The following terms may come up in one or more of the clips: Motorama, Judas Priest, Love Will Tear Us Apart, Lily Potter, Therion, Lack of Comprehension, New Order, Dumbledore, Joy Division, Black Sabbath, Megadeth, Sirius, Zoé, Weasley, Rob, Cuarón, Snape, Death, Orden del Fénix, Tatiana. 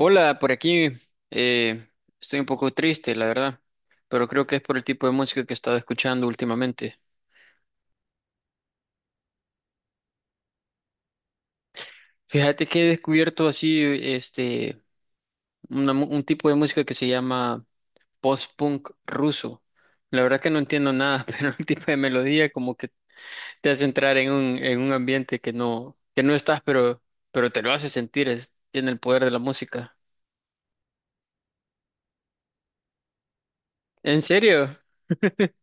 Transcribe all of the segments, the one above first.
Hola, por aquí, eh, estoy un poco triste, la verdad, pero creo que es por el tipo de música que he estado escuchando últimamente. Fíjate que he descubierto así, este, un tipo de música que se llama post-punk ruso. La verdad que no entiendo nada, pero el tipo de melodía como que te hace entrar en un ambiente que no estás, pero te lo hace sentir, tiene el poder de la música. ¿En serio?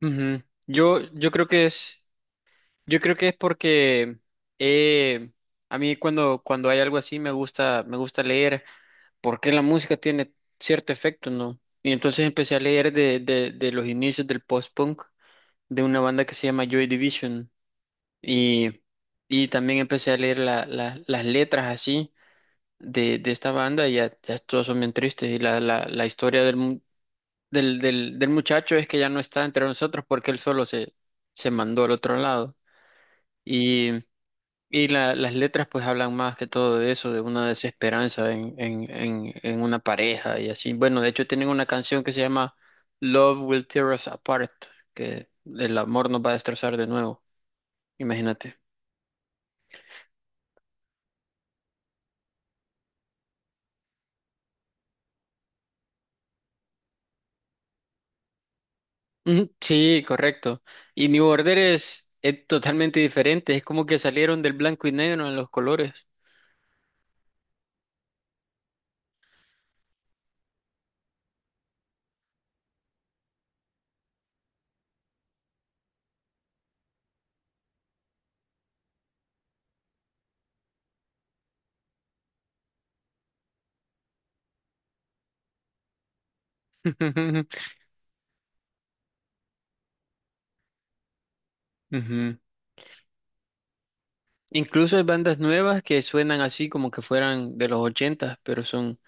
Ujú. Yo creo que es Yo creo que es porque eh, a mí cuando hay algo así me gusta leer porque la música tiene cierto efecto, ¿no? Y entonces empecé a leer de los inicios del post-punk de una banda que se llama Joy Division y, y también empecé a leer las letras así de esta banda y ya todas son bien tristes y la historia del muchacho es que ya no está entre nosotros porque él solo se mandó al otro lado. Y las letras pues hablan más que todo de eso, de una desesperanza en una pareja y así. Bueno, de hecho tienen una canción que se llama Love Will Tear Us Apart, que el amor nos va a destrozar de nuevo, imagínate. Ujú. Sí, correcto. Y New Order es totalmente diferente, es como que salieron del blanco y negro en los colores. Ujú. Incluso hay bandas nuevas que suenan así como que fueran de los ochentas,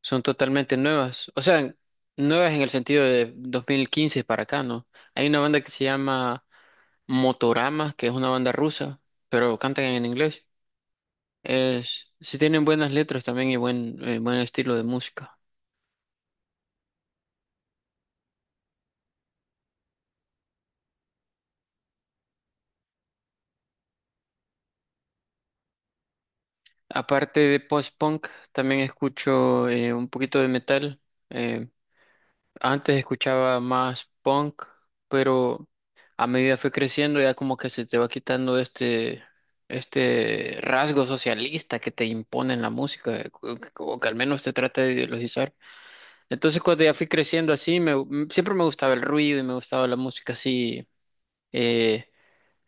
Son totalmente nuevas. O sea, nuevas en el sentido de 2015 para acá, ¿no? Hay una banda que se llama Motorama, que es una banda rusa, pero cantan en inglés. Es, sí tienen buenas letras también y buen, buen estilo de música. Aparte de post-punk, también escucho un poquito de metal. Eh, Antes escuchaba más punk, pero a medida fue creciendo ya como que se te va quitando este, este rasgo socialista que te impone en la música, o que al menos te trata de ideologizar. Entonces cuando ya fui creciendo así, me, siempre me gustaba el ruido y me gustaba la música así, eh,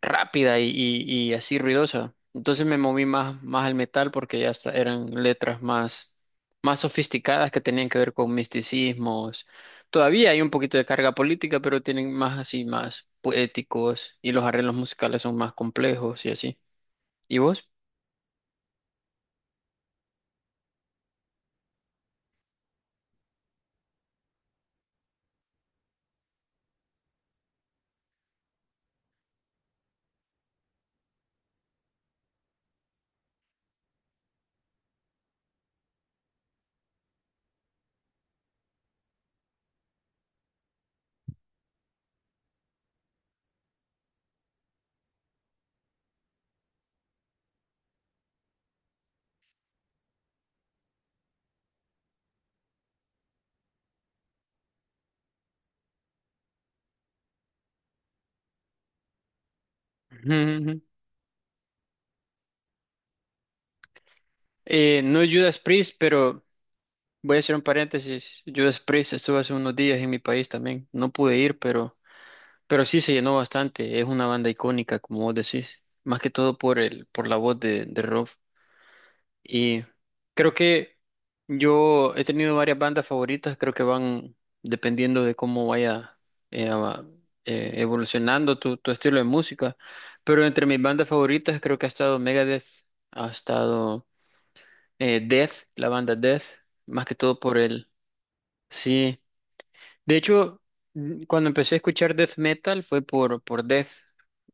rápida y así ruidosa. Entonces me moví más al metal porque ya hasta eran letras más, más sofisticadas que tenían que ver con misticismos. Todavía hay un poquito de carga política, pero tienen más así, más poéticos y los arreglos musicales son más complejos y así. ¿Y vos? Ujú, ujú. No es Judas Priest, pero voy a hacer un paréntesis. Judas Priest estuvo hace unos días en mi país también. No pude ir, pero sí se llenó bastante, es una banda icónica, como vos decís, más que todo por por la voz de Rob. Y creo que yo he tenido varias bandas favoritas, creo que van dependiendo de cómo vaya eh, a- evolucionando tu estilo de música. Pero entre mis bandas favoritas creo que ha estado Megadeth, ha estado Death, la banda Death, más que todo por el, sí. De hecho, cuando empecé a escuchar death metal fue por Death.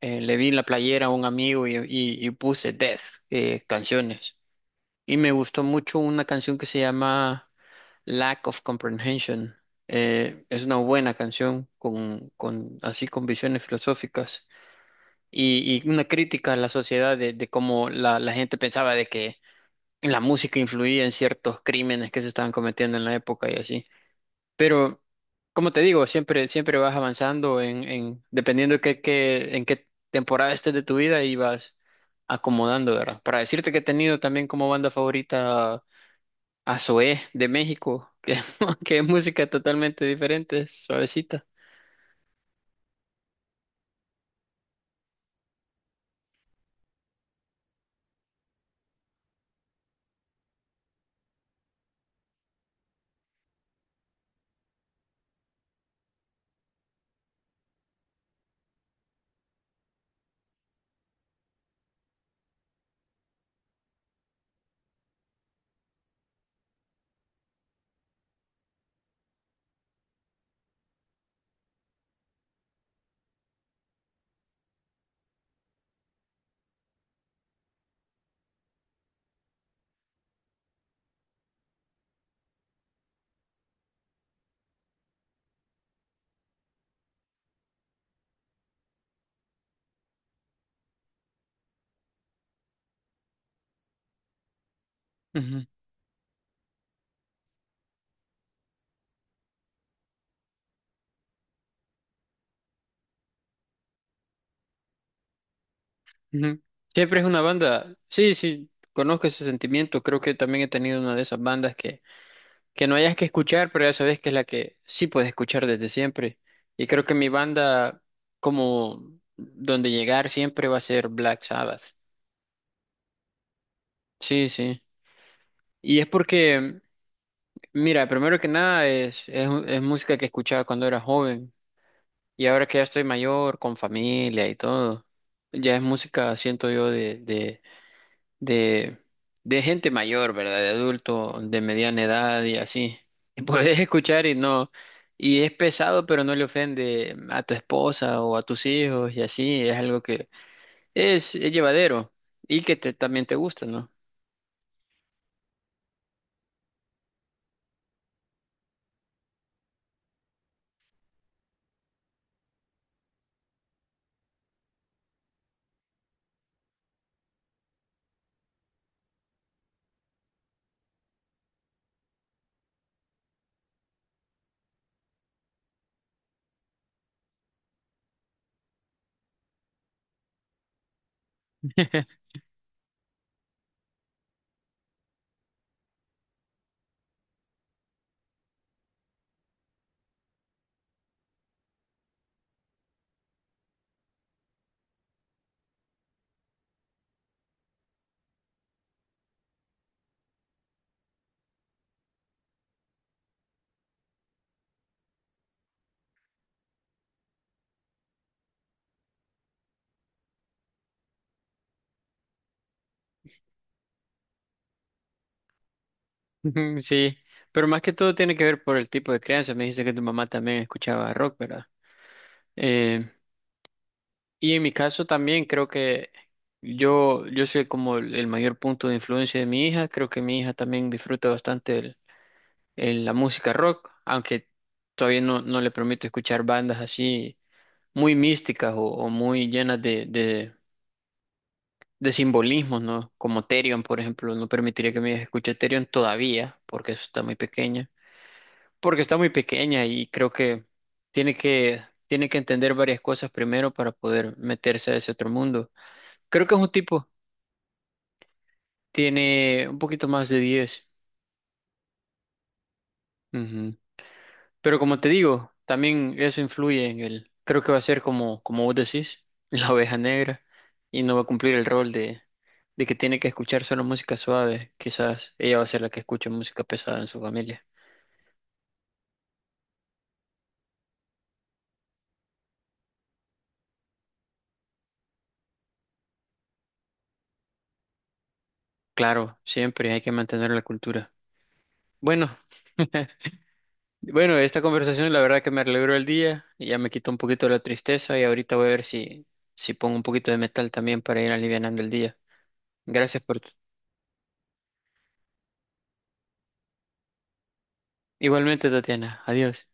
Le vi en la playera a un amigo y, y puse Death, canciones. Y me gustó mucho una canción que se llama Lack of Comprehension. Es una buena canción con así con visiones filosóficas y una crítica a la sociedad de cómo la gente pensaba de que la música influía en ciertos crímenes que se estaban cometiendo en la época y así. Pero, como te digo, siempre, siempre vas avanzando dependiendo de en qué temporada estés de tu vida y vas acomodando, ¿verdad? Para decirte que he tenido también como banda favorita a Zoé de México, que, que es música totalmente diferente, es suavecita. Ujú, ujú. Siempre es una banda, sí, sí, conozco ese sentimiento, creo que también he tenido una de esas bandas que no hayas que escuchar, pero ya sabes que es la que sí puedes escuchar desde siempre. Y creo que mi banda, como donde llegar siempre va a ser Black Sabbath. Sí, sí. Y es porque, mira, primero que nada es música que escuchaba cuando era joven. Y ahora que ya estoy mayor, con familia y todo, ya es música, siento yo, de, de gente mayor, ¿verdad? De adulto, de mediana edad y así. Y puedes escuchar y no, y es pesado, pero no le ofende a tu esposa o a tus hijos y así. Es algo que es llevadero y que te, también te gusta, ¿no? Ujú. Sí, pero más que todo tiene que ver por el tipo de crianza. Me dice que tu mamá también escuchaba rock, ¿verdad? Eh, y en mi caso también creo que yo soy como el mayor punto de influencia de mi hija. Creo que mi hija también disfruta bastante en la música rock, aunque todavía no le permito escuchar bandas así muy místicas o muy llenas de simbolismos, ¿no? Como Therion, por ejemplo, no permitiría que mi hija escuche Therion todavía, porque eso está muy pequeña, porque está muy pequeña y creo que tiene que, tiene que entender varias cosas primero para poder meterse a ese otro mundo. Creo que es un tipo, tiene un poquito más de 10. Pero como te digo, también eso influye en el, creo que va a ser como, como vos decís, la oveja negra y no va a cumplir el rol de que tiene que escuchar solo música suave. Quizás ella va a ser la que escuche música pesada en su familia. Claro, siempre hay que mantener la cultura. Bueno, bueno, esta conversación la verdad que me alegró el día, y ya me quitó un poquito la tristeza y ahorita voy a ver si, si pongo un poquito de metal también para ir alivianando el día. Gracias por... tu... Igualmente, Tatiana. Adiós.